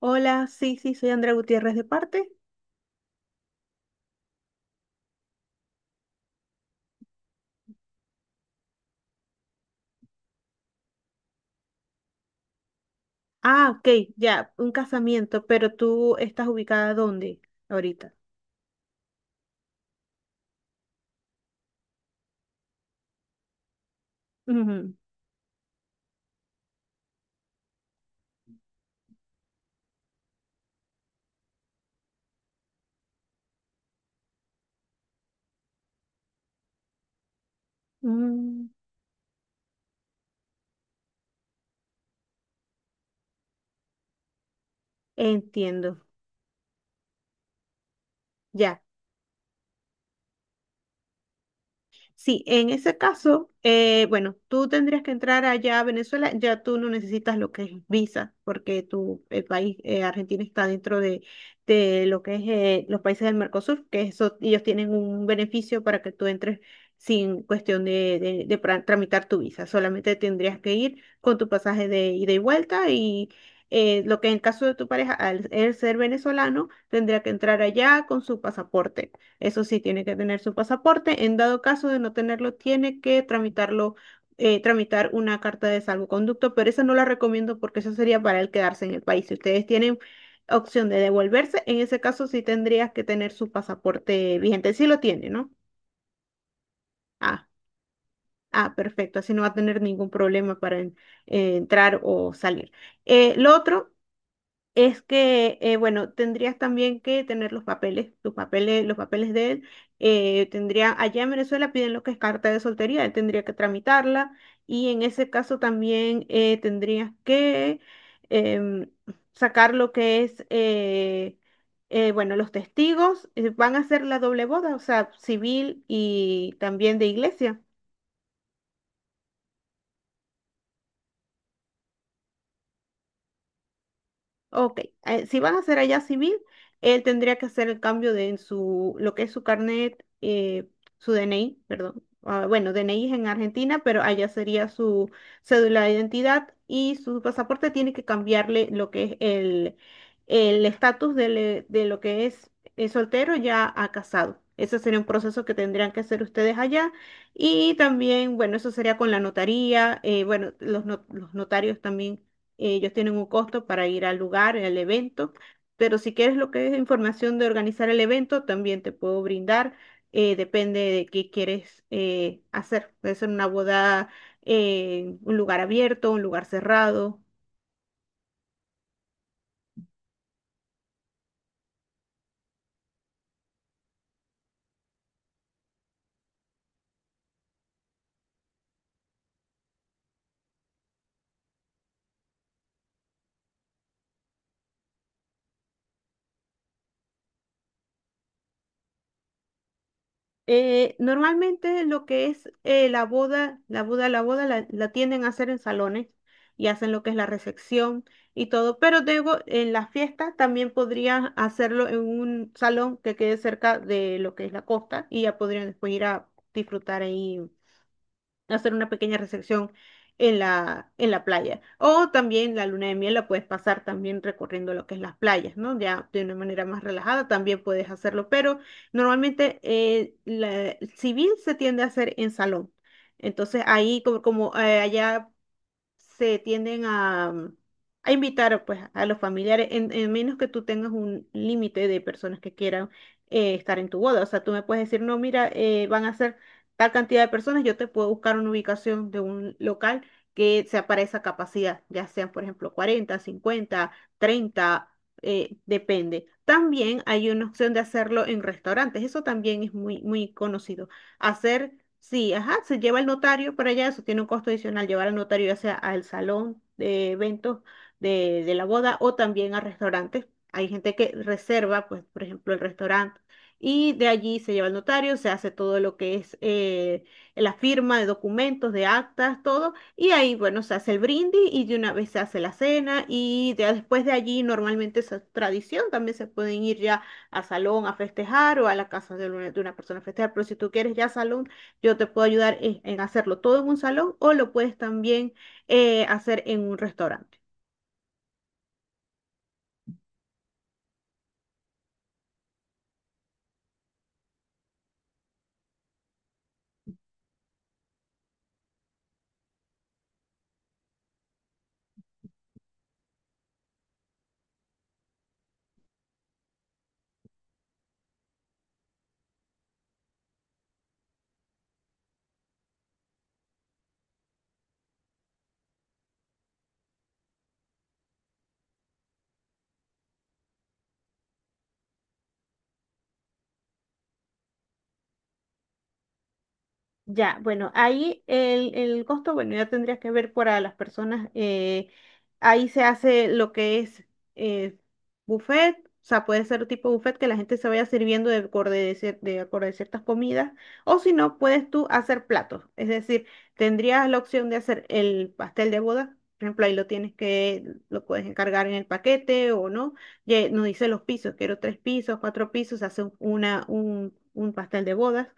Hola, sí, sí, soy Andrea Gutiérrez de parte. Ah, ok, ya, un casamiento, pero tú estás ubicada dónde ahorita. Ujú, mm, entiendo, ya. Sí, en ese caso, bueno, tú tendrías que entrar allá a Venezuela, ya tú no necesitas lo que es visa, porque tu, el país, Argentina está dentro de lo que es los países del Mercosur, que eso, ellos tienen un beneficio para que tú entres sin cuestión de tramitar tu visa, solamente tendrías que ir con tu pasaje de ida y vuelta y lo que en el caso de tu pareja, al él ser venezolano, tendría que entrar allá con su pasaporte. Eso sí, tiene que tener su pasaporte. En dado caso de no tenerlo, tiene que tramitarlo, tramitar una carta de salvoconducto, pero esa no la recomiendo porque eso sería para el quedarse en el país. Si ustedes tienen opción de devolverse, en ese caso sí tendrías que tener su pasaporte vigente. Sí lo tiene, ¿no? Ah, ah, perfecto. Así no va a tener ningún problema para entrar o salir. Lo otro es que, bueno, tendrías también que tener los papeles, tus papeles, los papeles de él. Tendría, allá en Venezuela piden lo que es carta de soltería, él tendría que tramitarla y en ese caso también tendrías que em, sacar lo que es, bueno, los testigos van a hacer la doble boda, o sea, civil y también de iglesia. Ok, si van a hacer allá civil, él tendría que hacer el cambio de en su, lo que es su carnet, su DNI, perdón. Ah, bueno, DNI es en Argentina, pero allá sería su cédula de identidad y su pasaporte tiene que cambiarle lo que es el estatus del, de, lo que es soltero ya a casado. Ese sería un proceso que tendrían que hacer ustedes allá. Y también, bueno, eso sería con la notaría. Bueno, los, no- los notarios también. Ellos tienen un costo para ir al lugar, al evento, pero si quieres lo que es información de organizar el evento, también te puedo brindar. Depende de qué quieres hacer. Puede ser una boda, en un lugar abierto, un lugar cerrado. Normalmente lo que es la boda, la boda la tienden a hacer en salones y hacen lo que es la recepción y todo, pero luego en la fiesta también podrían hacerlo en un salón que quede cerca de lo que es la costa y ya podrían después ir a disfrutar ahí hacer una pequeña recepción en la playa. O también la luna de miel la puedes pasar también recorriendo lo que es las playas, ¿no? Ya de una manera más relajada también puedes hacerlo, pero normalmente el civil se tiende a hacer en salón. Entonces ahí como, allá se tienden a invitar pues, a los familiares, en menos que tú tengas un límite de personas que quieran estar en tu boda. O sea, tú me puedes decir, no, mira, van a ser tal cantidad de personas, yo te puedo buscar una ubicación de un local que sea para esa capacidad, ya sean, por ejemplo, 40, 50, 30 depende. También hay una opción de hacerlo en restaurantes, eso también es muy, muy conocido. Hacer, sí, ajá, se lleva el notario para allá, eso tiene un costo adicional, llevar al notario ya sea al salón de eventos de la boda o también a restaurantes. Hay gente que reserva, pues, por ejemplo, el restaurante y de allí se lleva el notario, se hace todo lo que es la firma de documentos, de actas, todo, y ahí, bueno, se hace el brindis y de una vez se hace la cena y ya después de allí normalmente esa tradición también se pueden ir ya a salón a festejar o a la casa de una persona a festejar. Pero si tú quieres ya salón, yo te puedo ayudar en hacerlo todo en un salón o lo puedes también hacer en un restaurante. Ya, bueno, ahí el costo, bueno, ya tendrías que ver para las personas. Ahí se hace lo que es eh, buffet, o sea, puede ser tipo buffet que la gente se vaya sirviendo de acorde de ciertas comidas, o si no, puedes tú hacer platos. Es decir, tendrías la opción de hacer el pastel de boda. Por ejemplo, ahí lo tienes que, lo puedes encargar en el paquete o no. Ya nos dice los pisos, quiero tres pisos, cuatro pisos, se hace un pastel de bodas.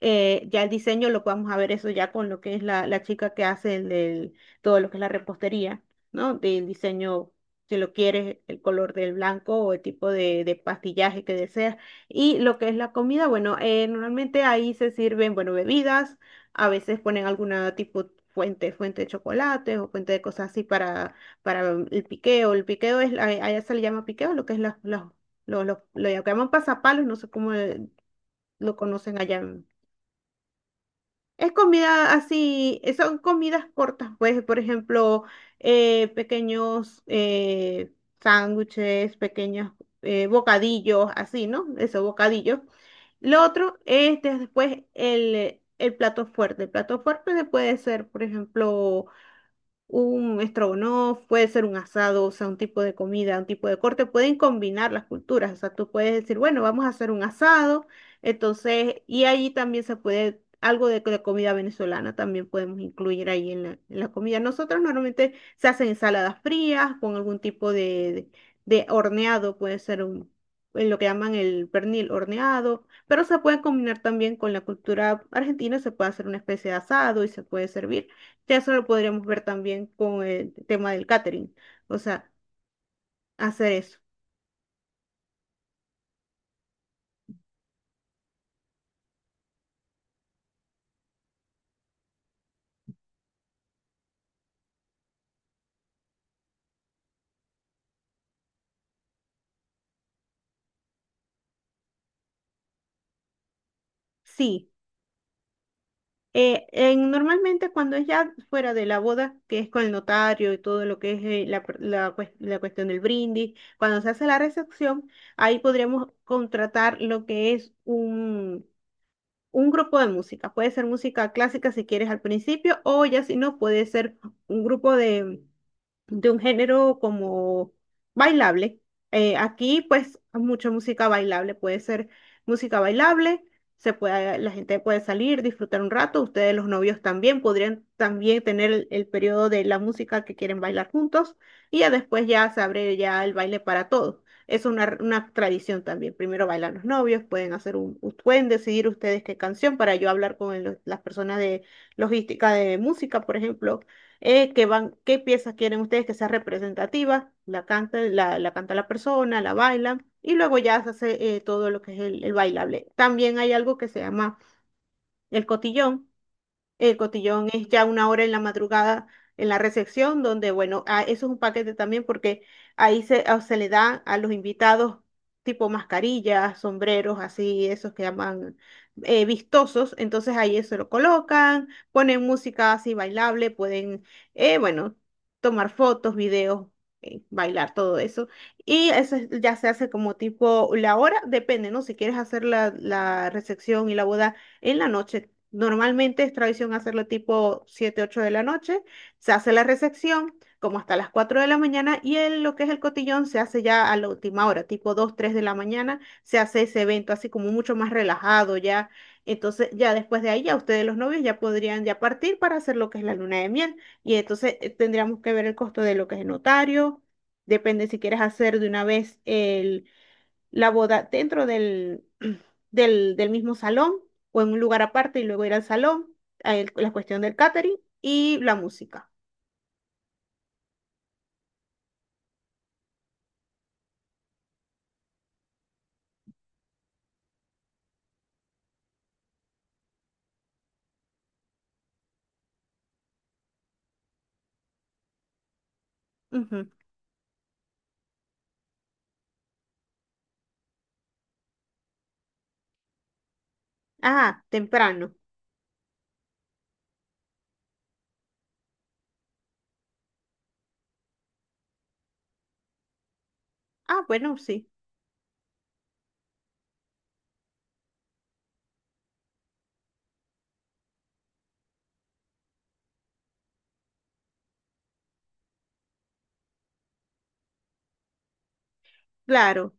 Ya el diseño lo vamos a ver eso ya con lo que es la chica que hace el del, todo lo que es la repostería, ¿no? Del diseño, si lo quieres, el color del blanco o el tipo de pastillaje que deseas. Y lo que es la comida, bueno, normalmente ahí se sirven, bueno, bebidas, a veces ponen alguna tipo fuente de chocolate o fuente de cosas así para el piqueo. El piqueo es, allá se le llama piqueo, lo que es lo llaman pasapalos, no sé cómo lo conocen allá. Es comida así, son comidas cortas, pues, por ejemplo, pequeños sándwiches, pequeños bocadillos, así, ¿no? Esos bocadillos. Lo otro es después el plato fuerte. El plato fuerte puede ser, por ejemplo, un estrogonoff, puede ser un asado, o sea, un tipo de comida, un tipo de corte, pueden combinar las culturas, o sea, tú puedes decir, bueno, vamos a hacer un asado, entonces, y ahí también se puede, algo de comida venezolana también podemos incluir ahí en la comida. Nosotros normalmente se hacen ensaladas frías con algún tipo de horneado, puede ser en lo que llaman el pernil horneado, pero se puede combinar también con la cultura argentina, se puede hacer una especie de asado y se puede servir. Ya eso lo podríamos ver también con el tema del catering. O sea, hacer eso. Sí. Normalmente cuando es ya fuera de la boda, que es con el notario y todo lo que es la cuestión del brindis, cuando se hace la recepción, ahí podríamos contratar lo que es un grupo de música. Puede ser música clásica si quieres al principio o ya si no, puede ser un grupo de un género como bailable. Aquí, pues, mucha música bailable. Puede ser música bailable, se puede, la gente puede salir, disfrutar un rato. Ustedes, los novios, también podrían también tener el periodo de la música que quieren bailar juntos y ya después ya se abre ya el baile para todos. Es una tradición también. Primero bailan los novios, pueden hacer pueden decidir ustedes qué canción para yo hablar con las personas de logística de música, por ejemplo que van, qué piezas quieren ustedes que sea representativa, la canta la persona, la baila y luego ya se hace todo lo que es el bailable. También hay algo que se llama el cotillón, el cotillón es ya una hora en la madrugada en la recepción, donde, bueno, ah, eso es un paquete también porque ahí se le da a los invitados tipo mascarillas, sombreros, así, esos que llaman vistosos. Entonces ahí eso lo colocan, ponen música así bailable, pueden, bueno, tomar fotos, videos, bailar, todo eso. Y eso ya se hace como tipo la hora, depende, ¿no? Si quieres hacer la recepción y la boda en la noche. Normalmente es tradición hacerlo tipo 7 u 8 de la noche. Se hace la recepción como hasta las 4 de la mañana y lo que es el cotillón se hace ya a la última hora, tipo 2 o 3 de la mañana. Se hace ese evento así como mucho más relajado ya. Entonces ya después de ahí ya ustedes los novios ya podrían ya partir para hacer lo que es la luna de miel. Y entonces tendríamos que ver el costo de lo que es el notario. Depende si quieres hacer de una vez el la boda dentro del, del mismo salón o en un lugar aparte y luego ir al salón, a la cuestión del catering y la música. Ujú. Ah, temprano. Ah, bueno, sí. Claro,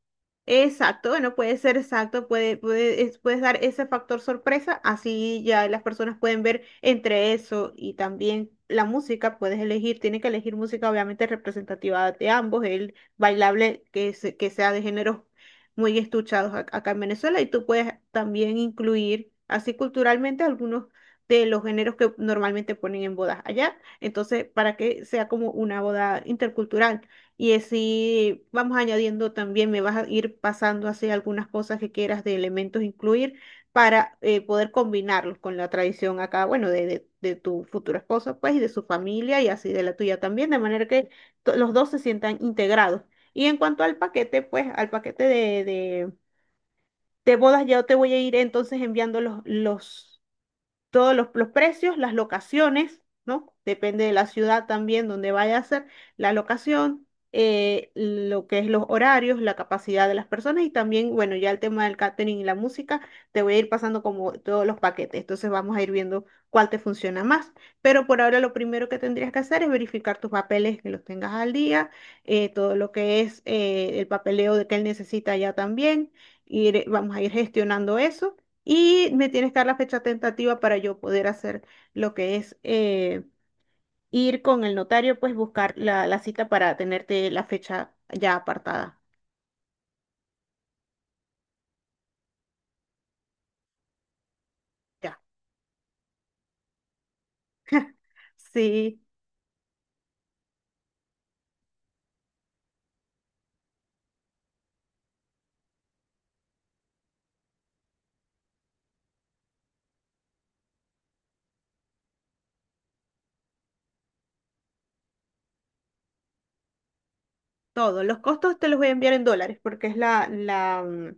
exacto. Bueno, puede ser exacto, puedes dar ese factor sorpresa, así ya las personas pueden ver entre eso y también la música, puedes elegir, tiene que elegir música obviamente representativa de ambos, el bailable que sea de géneros muy estuchados acá en Venezuela y tú puedes también incluir así culturalmente algunos de los géneros que normalmente ponen en bodas allá, entonces para que sea como una boda intercultural. Y así vamos añadiendo también, me vas a ir pasando así algunas cosas que quieras de elementos incluir para poder combinarlos con la tradición acá, bueno, de tu futuro esposo, pues, y de su familia y así de la tuya también, de manera que los dos se sientan integrados. Y en cuanto al paquete, pues, al paquete de bodas, ya te voy a ir entonces enviando los todos los precios, las locaciones, ¿no? Depende de la ciudad también donde vaya a ser la locación, lo que es los horarios, la capacidad de las personas y también, bueno, ya el tema del catering y la música, te voy a ir pasando como todos los paquetes, entonces vamos a ir viendo cuál te funciona más. Pero por ahora lo primero que tendrías que hacer es verificar tus papeles, que los tengas al día, todo lo que es el papeleo de que él necesita ya también, ir, vamos a ir gestionando eso. Y me tienes que dar la fecha tentativa para yo poder hacer lo que es ir con el notario, pues buscar la cita para tenerte la fecha ya apartada. Ya. Sí, todo. Los costos te los voy a enviar en dólares porque es la, la, mm,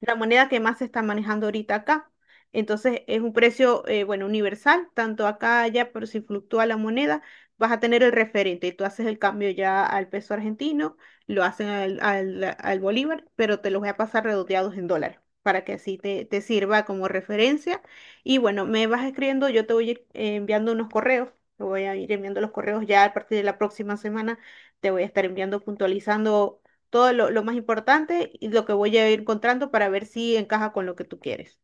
la moneda que más se está manejando ahorita acá. Entonces es un precio, bueno, universal, tanto acá, allá, pero si fluctúa la moneda, vas a tener el referente y tú haces el cambio ya al peso argentino, lo hacen al bolívar, pero te los voy a pasar redondeados en dólares para que así te sirva como referencia. Y bueno, me vas escribiendo, yo te voy a ir enviando unos correos, te voy a ir enviando los correos ya a partir de la próxima semana, te voy a estar enviando puntualizando todo lo más importante y lo que voy a ir encontrando para ver si encaja con lo que tú quieres.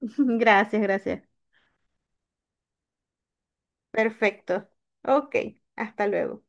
Gracias, gracias. Perfecto. Ok, hasta luego.